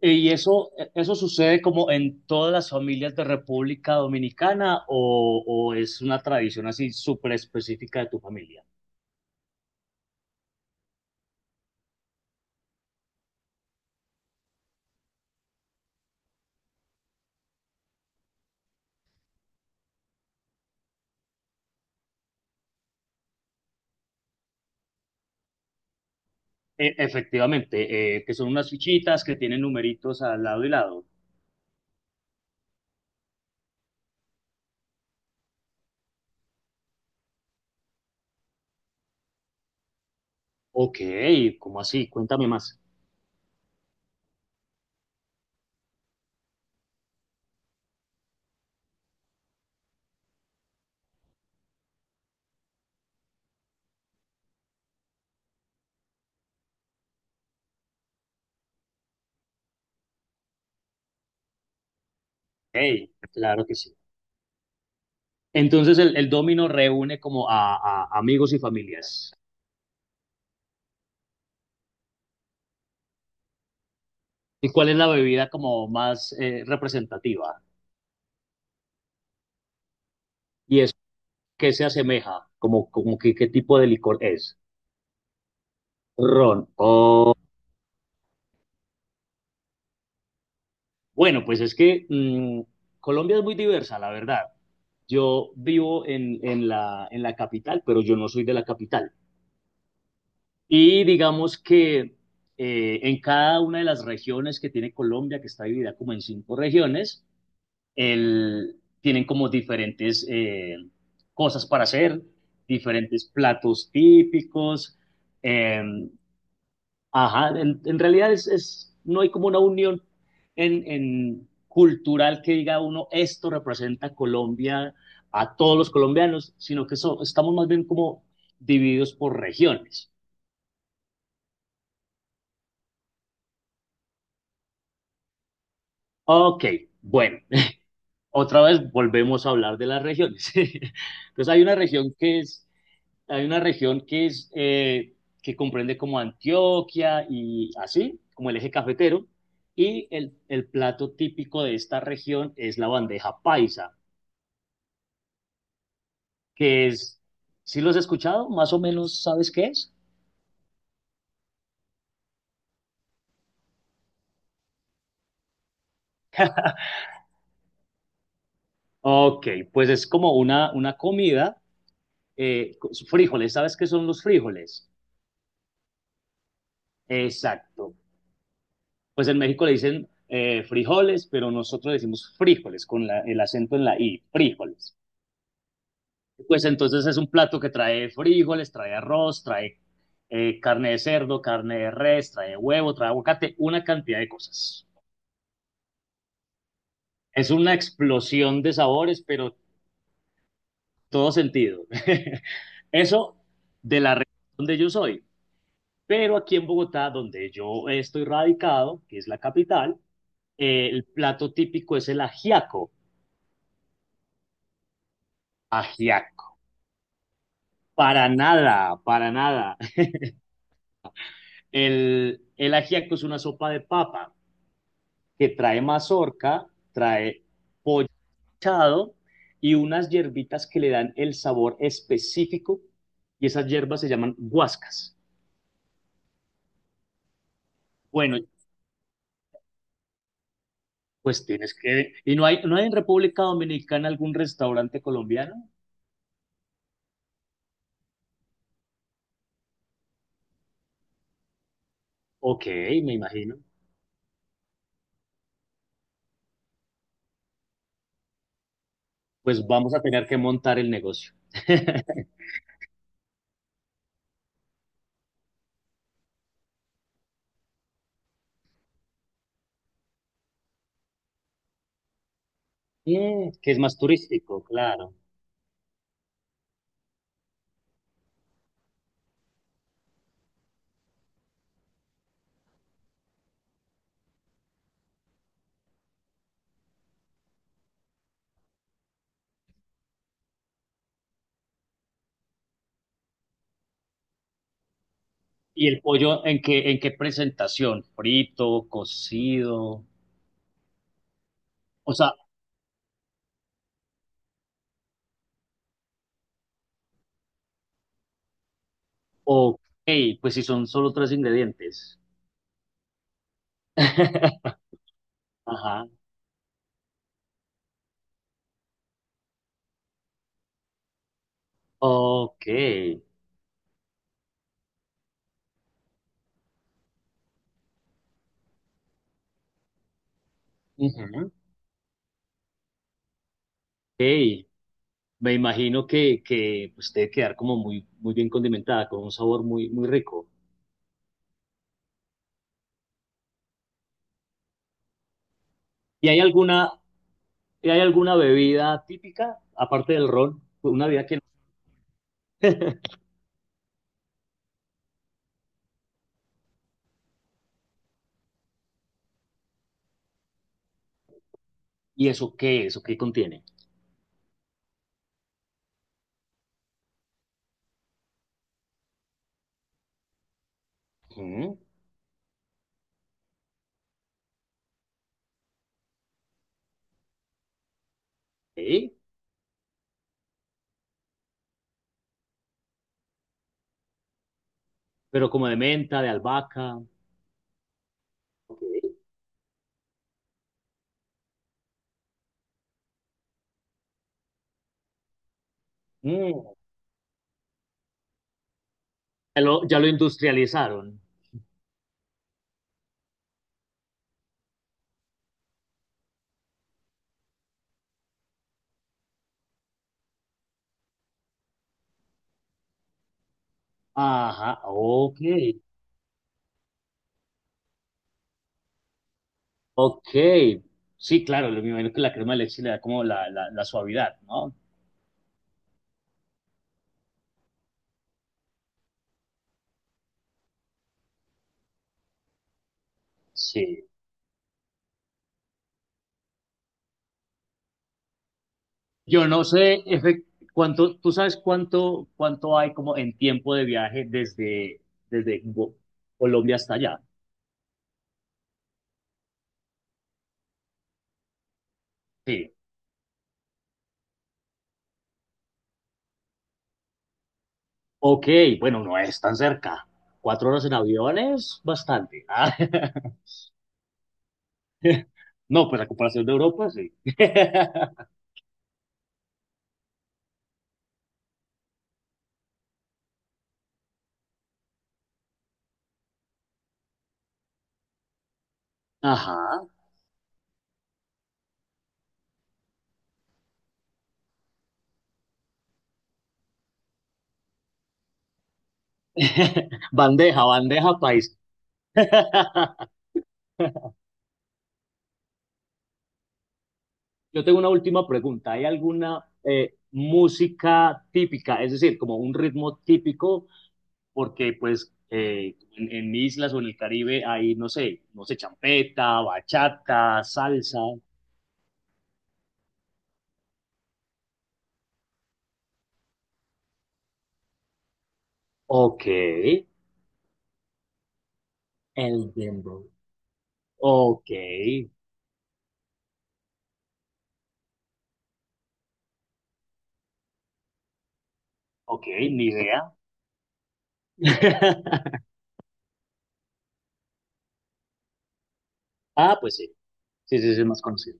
¿Y eso, eso sucede como en todas las familias de República Dominicana o es una tradición así súper específica de tu familia? Efectivamente, que son unas fichitas que tienen numeritos al lado y lado. Ok, ¿cómo así? Cuéntame más. Hey, claro que sí. Entonces el dominó reúne como a amigos y familias. ¿Y cuál es la bebida como más representativa? ¿Y es qué se asemeja? Como que, ¿qué tipo de licor es? Ron. Bueno, pues es que Colombia es muy diversa, la verdad. Yo vivo en la capital, pero yo no soy de la capital. Y digamos que en cada una de las regiones que tiene Colombia, que está dividida como en cinco regiones, tienen como diferentes cosas para hacer, diferentes platos típicos, eh, ajá, en realidad no hay como una unión en cultural que diga uno, esto representa a Colombia, a todos los colombianos, sino que estamos más bien como divididos por regiones. Ok, bueno, otra vez volvemos a hablar de las regiones. Hay una región que es que comprende como Antioquia y así, como el eje cafetero, y el plato típico de esta región es la bandeja paisa, que es, si los has escuchado, más o menos sabes qué es. Ok, pues es como una comida, con frijoles, ¿sabes qué son los frijoles? Exacto. Pues en México le dicen frijoles, pero nosotros decimos frijoles con el acento en la I, frijoles. Pues entonces es un plato que trae frijoles, trae arroz, trae carne de cerdo, carne de res, trae huevo, trae aguacate, una cantidad de cosas. Es una explosión de sabores, pero todo sentido. Eso de la región donde yo soy. Pero aquí en Bogotá, donde yo estoy radicado, que es la capital, el plato típico es el ajiaco. Ajiaco. Para nada, para nada. El ajiaco es una sopa de papa que trae mazorca, trae pollo mechado y unas hierbitas que le dan el sabor específico y esas hierbas se llaman guascas. Bueno, pues tienes que... ¿Y no hay en República Dominicana algún restaurante colombiano? Ok, me imagino. Pues vamos a tener que montar el negocio. Que es más turístico, claro. ¿Y el pollo en qué presentación? ¿Frito, cocido? O sea, ok, pues si son solo tres ingredientes. Ajá. Ok. Ujú. Ok. Me imagino que pues, debe quedar como muy, muy bien condimentada, con un sabor muy, muy rico. ¿Y hay alguna, ¿Y hay alguna bebida típica, aparte del ron? Una bebida que... no. ¿Y eso qué? ¿Eso qué contiene? Ujú. Ok. Pero como de menta, de albahaca. Ok. Mm. Ya lo industrializaron. Ajá. Ok. Ok, sí, claro, lo- me imagino que la crema de leche le da como la suavidad, ¿no? Sí. Yo no sé efe- Cuánto, ¿tú sabes cuánto hay como en tiempo de viaje desde Colombia hasta allá? Sí. Ok, bueno, no es tan cerca. 4 horas en avión es bastante. Ah, no, pues a comparación de Europa, sí. Ajá. Bandeja, bandeja país. Yo tengo una última pregunta. ¿Hay alguna música típica, es decir, como un ritmo típico? Porque pues en islas o en el Caribe hay, no sé, no sé, champeta, bachata, salsa. Ok, el dembow. Ok, ok, ni idea. Ah, pues sí, sí, es más conocido.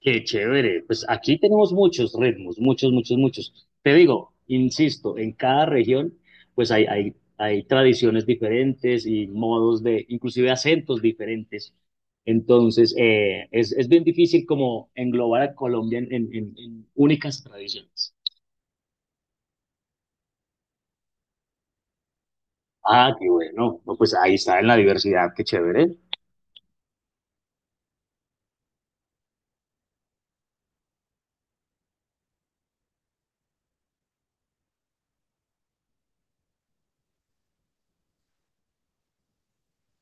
Qué chévere. Pues aquí tenemos muchos ritmos, muchos, muchos, muchos. Te digo, insisto, en cada región, pues hay tradiciones diferentes y modos de, inclusive acentos diferentes. Entonces, es bien difícil como englobar a Colombia en únicas tradiciones. Ah, qué bueno. No, pues ahí está en la diversidad, qué chévere.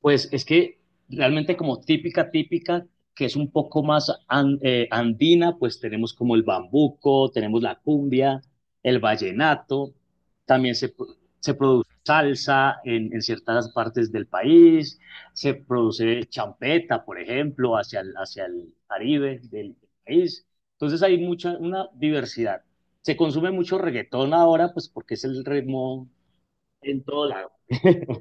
Pues es que realmente como típica, típica, que es un poco más andina, pues tenemos como el bambuco, tenemos la cumbia, el vallenato, también se produce salsa en ciertas partes del país, se produce champeta, por ejemplo, hacia hacia el Caribe del país. Entonces hay mucha, una diversidad. Se consume mucho reggaetón ahora, pues porque es el ritmo en todo lado.